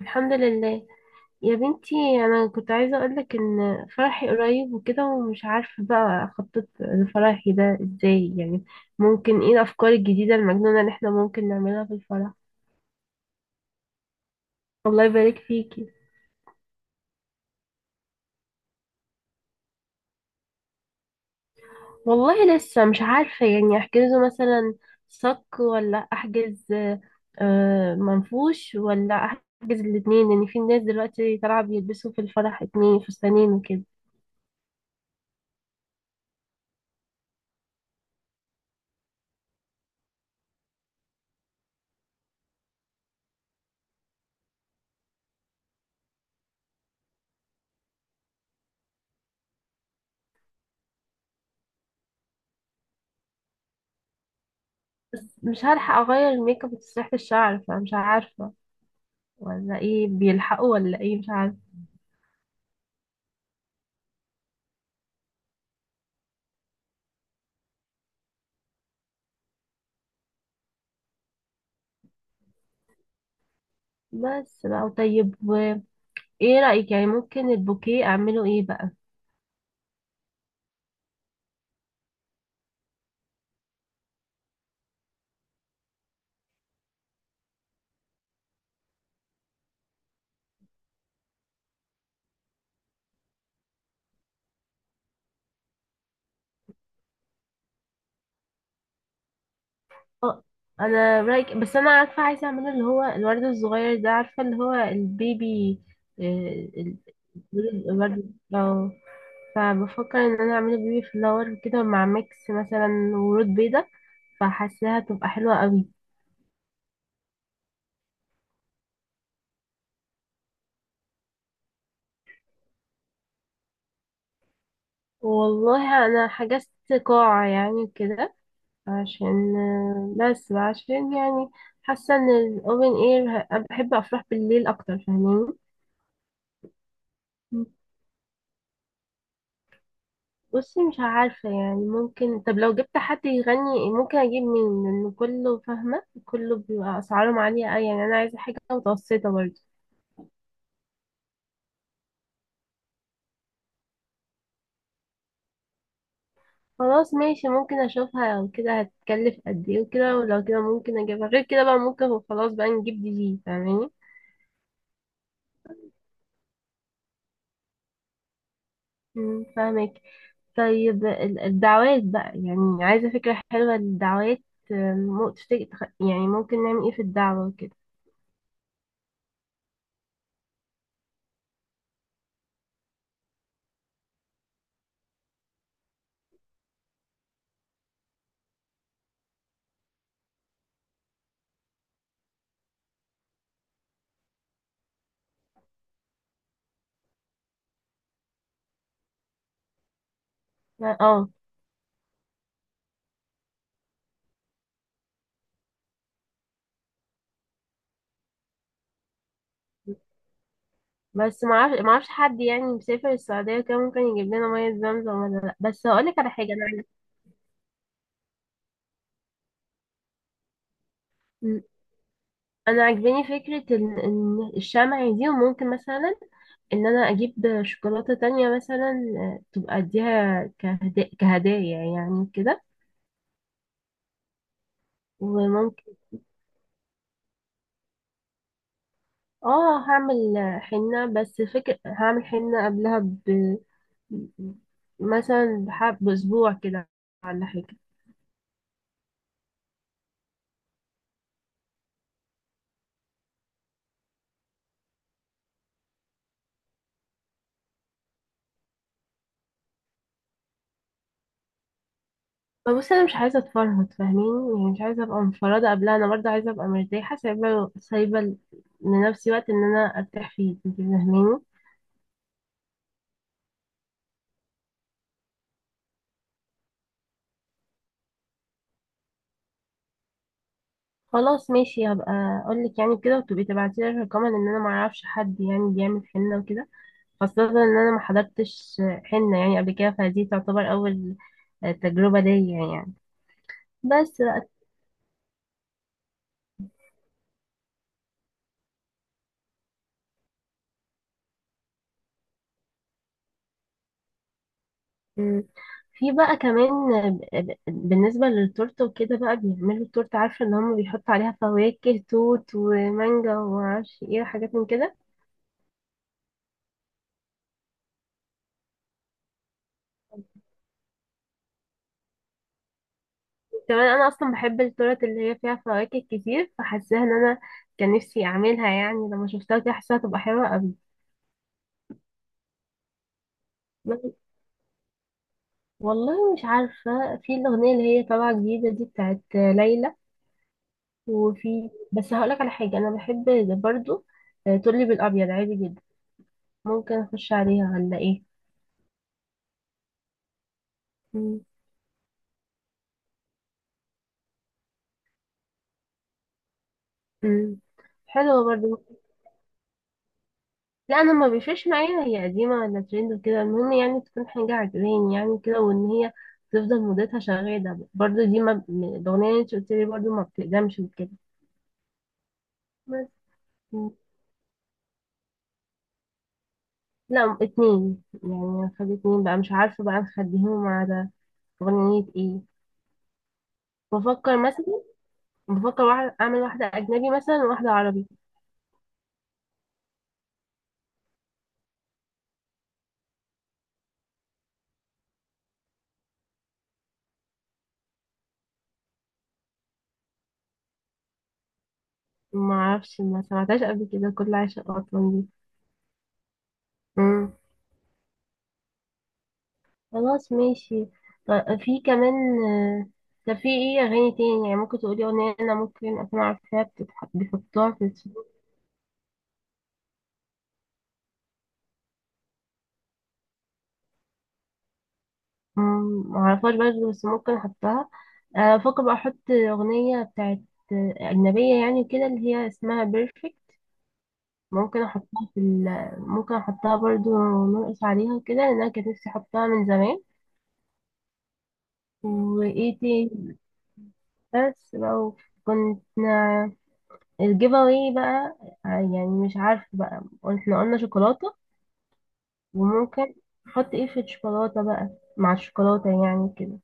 الحمد لله يا بنتي. انا كنت عايزه اقولك ان فرحي قريب وكده، ومش عارفه بقى اخطط لفرحي ده ازاي، يعني ممكن ايه الافكار الجديده المجنونه اللي احنا ممكن نعملها في الفرح؟ الله يبارك فيكي. والله لسه مش عارفه، يعني احجزه مثلا صك ولا احجز. منفوش ولا احجز الاتنين، لان في ناس دلوقتي طالعه بيلبسوا في الفرح 2 فستانين وكده. بس مش هلحق اغير الميك اب وتسريحه الشعر، فمش عارفه ولا ايه، بيلحقوا ولا ايه، مش عارف. بس بقى طيب ايه رأيك؟ يعني ممكن البوكيه اعمله ايه بقى؟ اه، انا رأيك، بس انا عارفة عايزة اعمله اللي هو الورد الصغير ده، عارفة؟ اللي هو البيبي. آه، ال- الورد، اه. فبفكر ان انا اعمله بيبي فلاور كده مع ميكس، مثلا ورود بيضة، فحاساها تبقى حلوة قوي. والله انا حجزت قاعة يعني كده، عشان بس عشان يعني حاسة ان الاوبن اير، بحب افرح بالليل اكتر، فاهماني. بصي مش عارفة يعني، ممكن طب لو جبت حد يغني ممكن أجيب مين؟ لأن كله، فاهمة، كله بيبقى أسعارهم عالية أوي، يعني أنا عايزة حاجة متوسطة برضه. خلاص ماشي، ممكن أشوفها لو كده هتكلف قد إيه وكده، ولو كده ممكن أجيبها، غير كده بقى ممكن خلاص بقى نجيب دي جي، فاهماني؟ فاهمك. طيب الدعوات بقى، يعني عايزة فكرة حلوة للدعوات. تفتكر يعني ممكن نعمل ايه في الدعوة كده؟ اه. بس معرفش حد، يعني مسافر السعودية كده ممكن يجيب لنا مية زمزم ولا لأ، بس هقولك على حاجة أنا م، أنا عاجباني فكرة إن الشمع دي، وممكن مثلا إن أنا أجيب شوكولاتة تانية، مثلا تبقى أديها كهدايا يعني كده، وممكن. اه، هعمل حنة، بس فكرة هعمل حنة قبلها مثلا، بحب بأسبوع كده، ولا حاجة. فبص أنا مش عايزة أتفرهد، فاهمين؟ يعني مش عايزة أبقى مفرهدة قبلها، أنا برضه عايزة أبقى مرتاحة، سايبة سايبة لنفسي وقت إن أنا أرتاح فيه، أنت فاهماني. خلاص ماشي، هبقى أقولك يعني كده، وتبقي تبعتيلي رقما، إن أنا معرفش حد يعني بيعمل حنة وكده، خاصة إن أنا محضرتش حنة يعني قبل كده، فدي تعتبر أول تجربة ليا يعني. بس بقى، في بقى كمان، بالنسبة للتورتة وكده بقى، بيعملوا التورتة عارفة ان هم بيحطوا عليها فواكه توت ومانجا ومعرفش ايه، وحاجات من كده. كمان انا اصلا بحب التورت اللي هي فيها فواكه كتير، فحاساها ان انا كان نفسي اعملها، يعني لما شفتها كده حاساها تبقى حلوة قوي. بس والله مش عارفة، في الأغنية اللي هي طالعة جديدة دي بتاعت ليلى، وفي بس هقولك على حاجة أنا بحب برضو، تقولي بالأبيض عادي جدا ممكن أخش عليها ولا إيه؟ مم. حلوة برضو. لا، انا ما بيفرقش معايا هي قديمة ولا ترند وكده، المهم يعني تكون حاجة عجباني يعني كده، وان هي تفضل مدتها شغالة برضو، دي ما الاغنية اللي انت قلت لي برضو ما بتقدمش وكده بس. مم. لا اتنين يعني، هنخلي اتنين بقى، مش عارفة بقى نخليهم على اغنية ايه. بفكر مثلا، بفكر واحد اعمل واحدة اجنبي مثلا وواحدة عربي. ما اعرفش، ما سمعتهاش قبل كده، كل عشق اطلال دي؟ مم. خلاص ماشي. طيب، في كمان، آه، طب في ايه اغاني تاني؟ يعني ممكن تقولي اغنية انا ممكن اكون عارفاها، بيحطوها في معرفهاش برضه، بس ممكن احطها. بفكر بقى احط اغنية بتاعت اجنبية، يعني كده اللي هي اسمها بيرفكت. ممكن احطها ممكن احطها برضه نرقص عليها كده، لان انا كانت نفسي احطها من زمان. وايه تاني؟ بس لو كنت الجيف اواي بقى، يعني مش عارفه بقى. احنا قلنا شوكولاته، وممكن نحط ايه في الشوكولاته بقى، مع الشوكولاته يعني كده.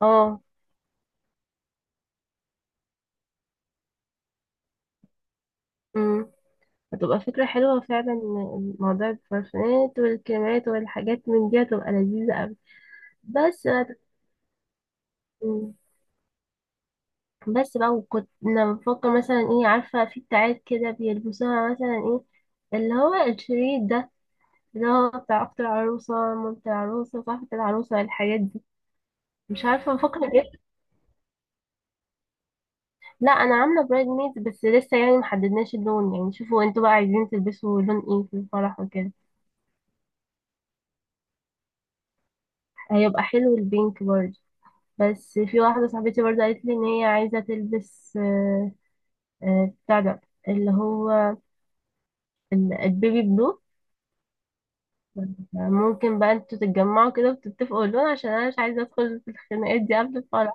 اه. امم هتبقى فكره حلوه فعلا، إن موضوع البارفانات والكريمات والحاجات من دي هتبقى لذيذه قوي. بس بقى- مم. بس بقى، وكنت انا بفكر مثلا ايه؟ عارفه في بتاعات كده بيلبسوها مثلا ايه، اللي هو الشريط ده، اللي هو بتاع اخت العروسه، مامة العروسه، صاحبة العروسه، الحاجات دي. مش عارفة أفكر. لا، انا عامله برايد ميد بس لسه، يعني محددناش اللون، يعني شوفوا انتوا بقى عايزين تلبسوا لون ايه في الفرح وكده. هيبقى حلو البينك برضه، بس في واحده صاحبتي برضه قالت لي ان هي عايزه تلبس بتاع ده، اللي هو البيبي بلو. ممكن بقى انتوا تتجمعوا كده وتتفقوا اللون، عشان انا مش عايزه ادخل في الخناقات دي قبل الفرح.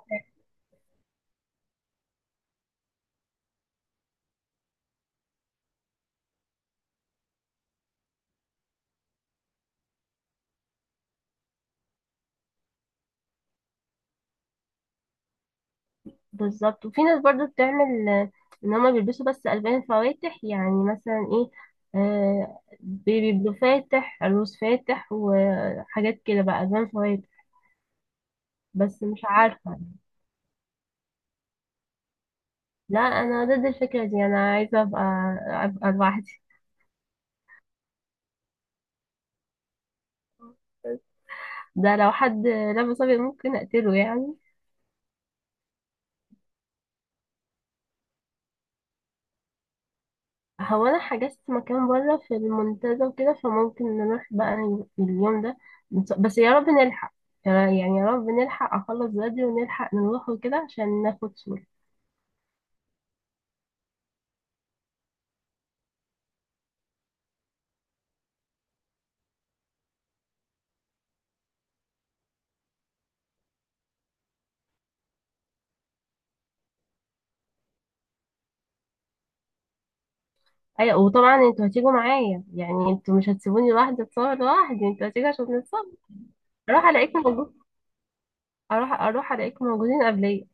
بالظبط. وفي ناس برضو بتعمل، ان هما بيلبسوا بس الوان فواتح، يعني مثلا ايه، بيبي بلو فاتح، روز فاتح، وحاجات كده، بقى الوان فواتح. بس مش عارفه. لا، انا ضد الفكره دي، انا عايزه ابقى لوحدي. ده لو حد لابس ابيض ممكن اقتله يعني. هو انا حجزت مكان بره في المنتزه وكده، فممكن نروح بقى اليوم ده، بس يا رب نلحق. يعني يا رب نلحق اخلص بدري، ونلحق نروح وكده عشان ناخد صورة. ايوه، وطبعا انتوا هتيجوا معايا، يعني انتوا مش هتسيبوني لوحدي اتصور لوحدي، انتوا هتيجوا عشان نتصور. اروح الاقيكم موجود. اروح الاقيكم موجودين قبليا،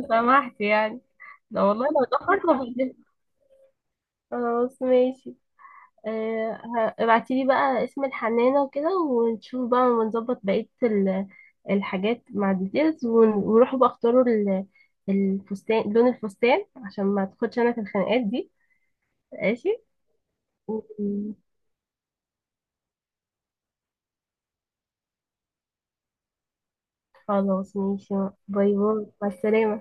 لو سمحت يعني. لا والله، لو اتاخرت خلاص ماشي. آه، ابعتيلي بقى اسم الحنانة وكده، ونشوف بقى، ونظبط بقية الحاجات مع الديتيلز، ونروحوا بقى اختاروا الفستان، لون الفستان، عشان ما تاخدش انا في الخناقات دي. ماشي. و- خلاص ماشي. باي باي، مع السلامة.